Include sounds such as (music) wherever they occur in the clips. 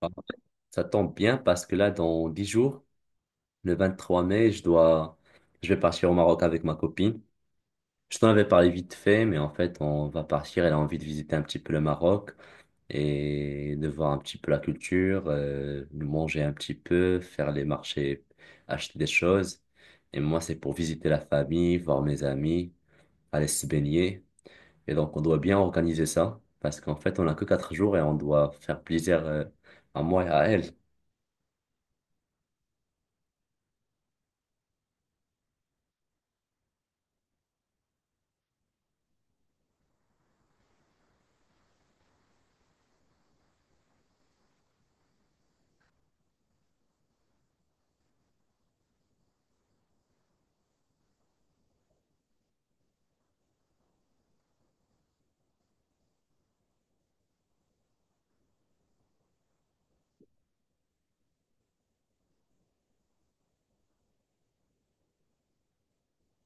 Ah, ça tombe bien parce que là, dans 10 jours, le 23 mai, je vais partir au Maroc avec ma copine. Je t'en avais parlé vite fait, mais en fait, on va partir. Elle a envie de visiter un petit peu le Maroc et de voir un petit peu la culture, de manger un petit peu, faire les marchés, acheter des choses. Et moi, c'est pour visiter la famille, voir mes amis, aller se baigner. Et donc, on doit bien organiser ça parce qu'en fait, on n'a que 4 jours et on doit faire plaisir, à moi et à elle.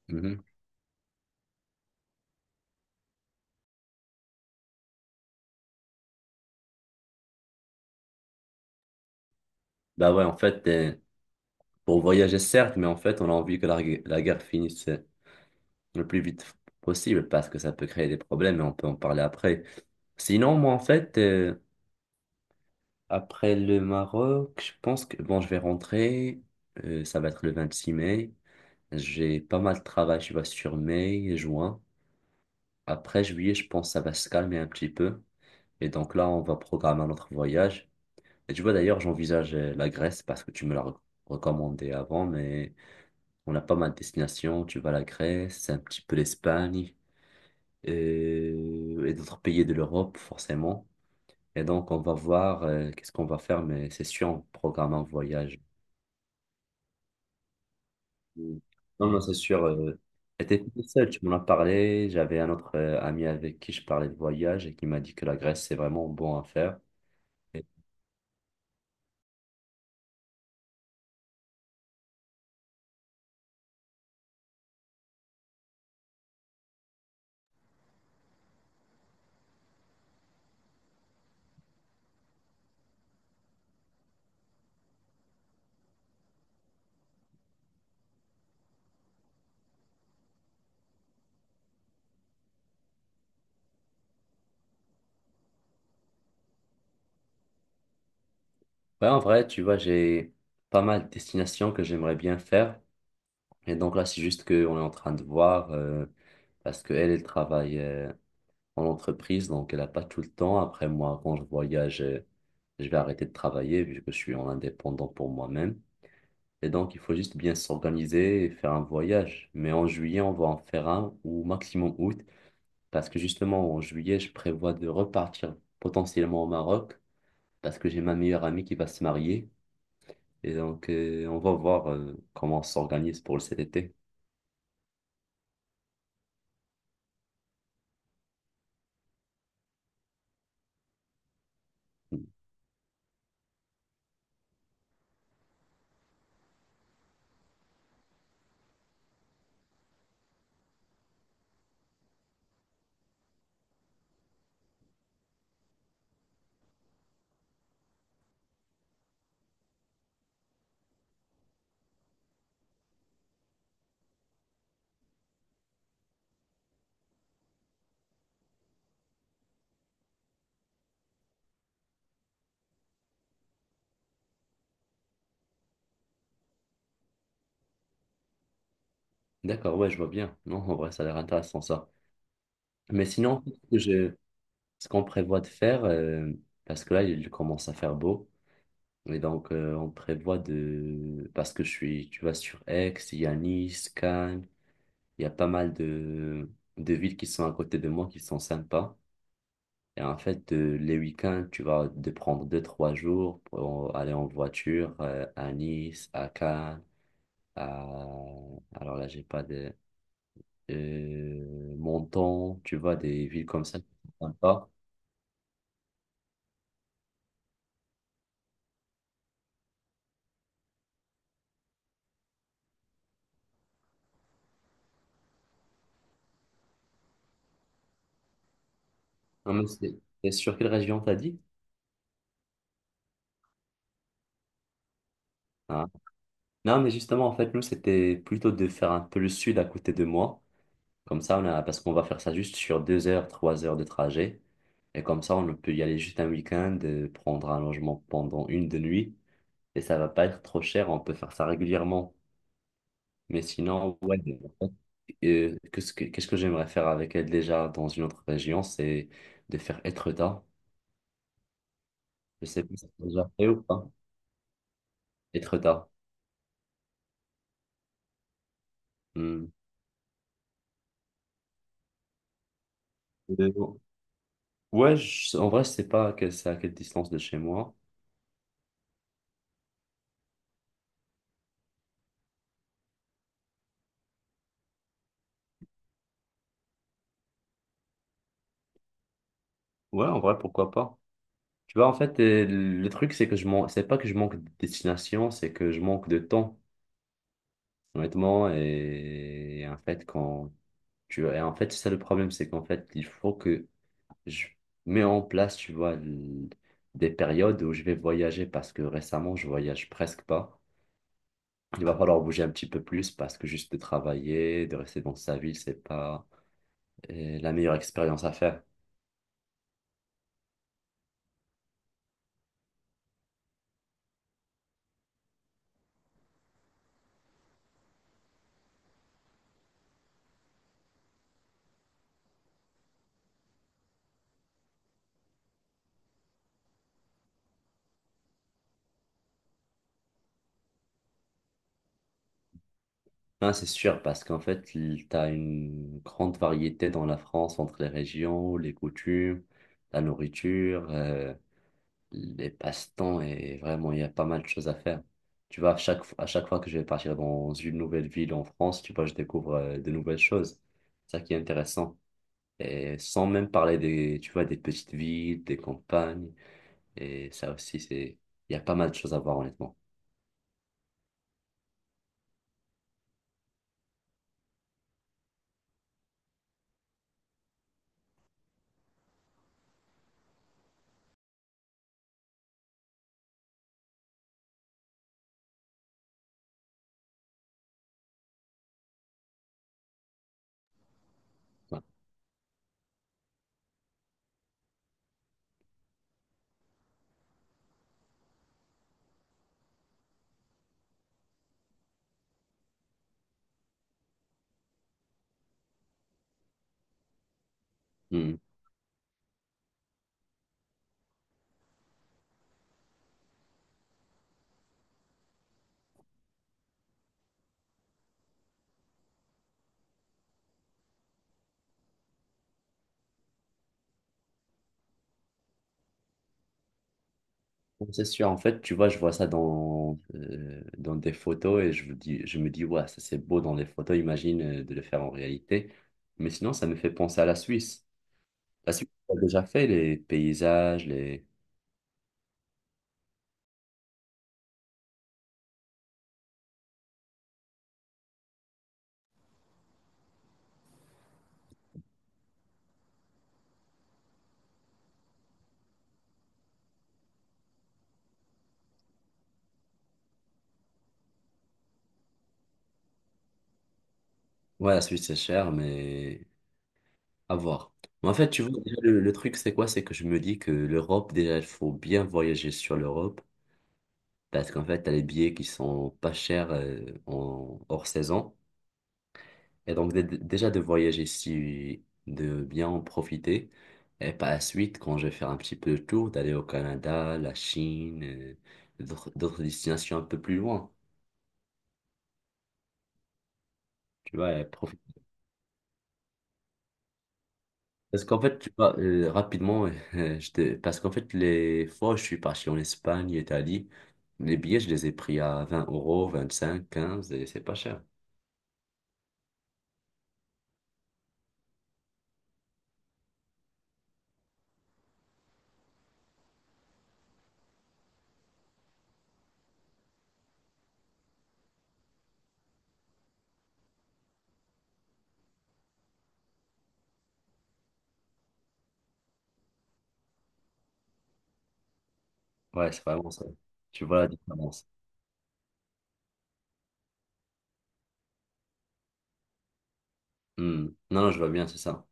Mhm. Bah ouais, en fait, pour voyager, certes, mais en fait, on a envie que la guerre finisse le plus vite possible parce que ça peut créer des problèmes et on peut en parler après. Sinon, moi, en fait, après le Maroc, je pense que, bon, je vais rentrer, ça va être le 26 mai. J'ai pas mal de travail, je vois, sur mai et juin. Après juillet, je pense que ça va se calmer un petit peu. Et donc là, on va programmer notre voyage. Et tu vois, d'ailleurs, j'envisage la Grèce parce que tu me l'as recommandé avant, mais... On a pas mal de destinations. Tu vas à la Grèce, un petit peu l'Espagne et d'autres pays de l'Europe, forcément. Et donc, on va voir qu'est-ce qu'on va faire, mais c'est sûr, on programme un voyage. Mm. Non, non, c'est sûr. J'étais tout seul, tu m'en as parlé. J'avais un autre ami avec qui je parlais de voyage et qui m'a dit que la Grèce, c'est vraiment bon à faire. Et- ouais, en vrai, tu vois, j'ai pas mal de destinations que j'aimerais bien faire. Et donc là, c'est juste qu'on est en train de voir parce qu'elle, elle travaille en entreprise, donc elle n'a pas tout le temps. Après moi, quand je voyage, je vais arrêter de travailler vu que je suis en indépendant pour moi-même. Et donc, il faut juste bien s'organiser et faire un voyage. Mais en juillet, on va en faire un ou maximum août, parce que justement, en juillet, je prévois de repartir potentiellement au Maroc, parce que j'ai ma meilleure amie qui va se marier. Et donc, on va voir comment on s'organise pour cet été. D'accord, ouais, je vois bien. Non, en vrai, ça a l'air intéressant ça. Mais sinon, je, ce qu'on prévoit de faire, parce que là, il commence à faire beau. Et donc, on prévoit de... Parce que je suis, tu vois, sur Aix, il y a Nice, Cannes, il y a pas mal de villes qui sont à côté de moi, qui sont sympas. Et en fait, les week-ends, tu vas de prendre deux, trois jours pour aller en voiture à Nice, à Cannes, à... Alors là, j'ai pas de... Menton, tu vois, des villes comme ça qui sont sympas. Non, mais c'est sur quelle région t'as dit? Hein? Non, mais justement, en fait, nous, c'était plutôt de faire un peu le sud à côté de moi. Comme ça, on a, parce qu'on va faire ça juste sur deux heures, trois heures de trajet. Et comme ça, on peut y aller juste un week-end, prendre un logement pendant une de nuit. Et ça va pas être trop cher, on peut faire ça régulièrement. Mais sinon, ouais, en fait, qu'est-ce que j'aimerais faire avec elle déjà dans une autre région, c'est de faire Etretat. Je sais pas si c'est déjà fait ou pas. Etretat. Hmm. Euh, ouais, en vrai, je sais pas que c'est à quelle distance de chez moi. Ouais, en vrai, pourquoi pas. Tu vois, en fait, le truc, c'est que je manque, c'est pas que je manque de destination, c'est que je manque de temps, honnêtement. Et en fait, quand tu et en fait, c'est ça le problème, c'est qu'en fait, il faut que je mets en place, tu vois, des périodes où je vais voyager parce que récemment, je voyage presque pas. Il va falloir bouger un petit peu plus parce que juste de travailler, de rester dans sa ville, c'est pas la meilleure expérience à faire. Ah, c'est sûr, parce qu'en fait, tu as une grande variété dans la France entre les régions, les coutumes, la nourriture, les passe-temps, et vraiment, il y a pas mal de choses à faire. Tu vois, à chaque fois que je vais partir dans une nouvelle ville en France, tu vois, je découvre de nouvelles choses. C'est ça qui est intéressant. Et sans même parler des, tu vois, des petites villes, des campagnes, et ça aussi, c'est, il y a pas mal de choses à voir, honnêtement. Ouais. Hmm. Bon, c'est sûr, en fait, tu vois, je vois ça dans, dans des photos et je vous dis, je me dis, ouais, ça c'est beau dans les photos, imagine de le faire en réalité. Mais sinon, ça me fait penser à la Suisse. La Suisse, on a déjà fait les paysages, les... Ouais, la Suisse, c'est cher, mais à voir. Mais en fait, tu vois, déjà, le truc, c'est quoi? C'est que je me dis que l'Europe, déjà, il faut bien voyager sur l'Europe parce qu'en fait, t'as les billets qui sont pas chers, en, hors saison. Et donc, déjà de voyager si de bien en profiter. Et par la suite, quand je vais faire un petit peu le tour, d'aller au Canada, la Chine, d'autres destinations un peu plus loin. Tu vois, et profiter. Parce qu'en fait, tu vois, rapidement, (laughs) parce qu'en fait, les fois où je suis parti en Espagne, Italie, les billets, je les ai pris à 20 euros, 25, 15, et c'est pas cher. Ouais, c'est vraiment ça. Tu vois la différence. Hmm. Non, non, je vois bien, c'est ça.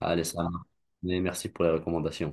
Allez, ça marche. Mais merci pour les recommandations.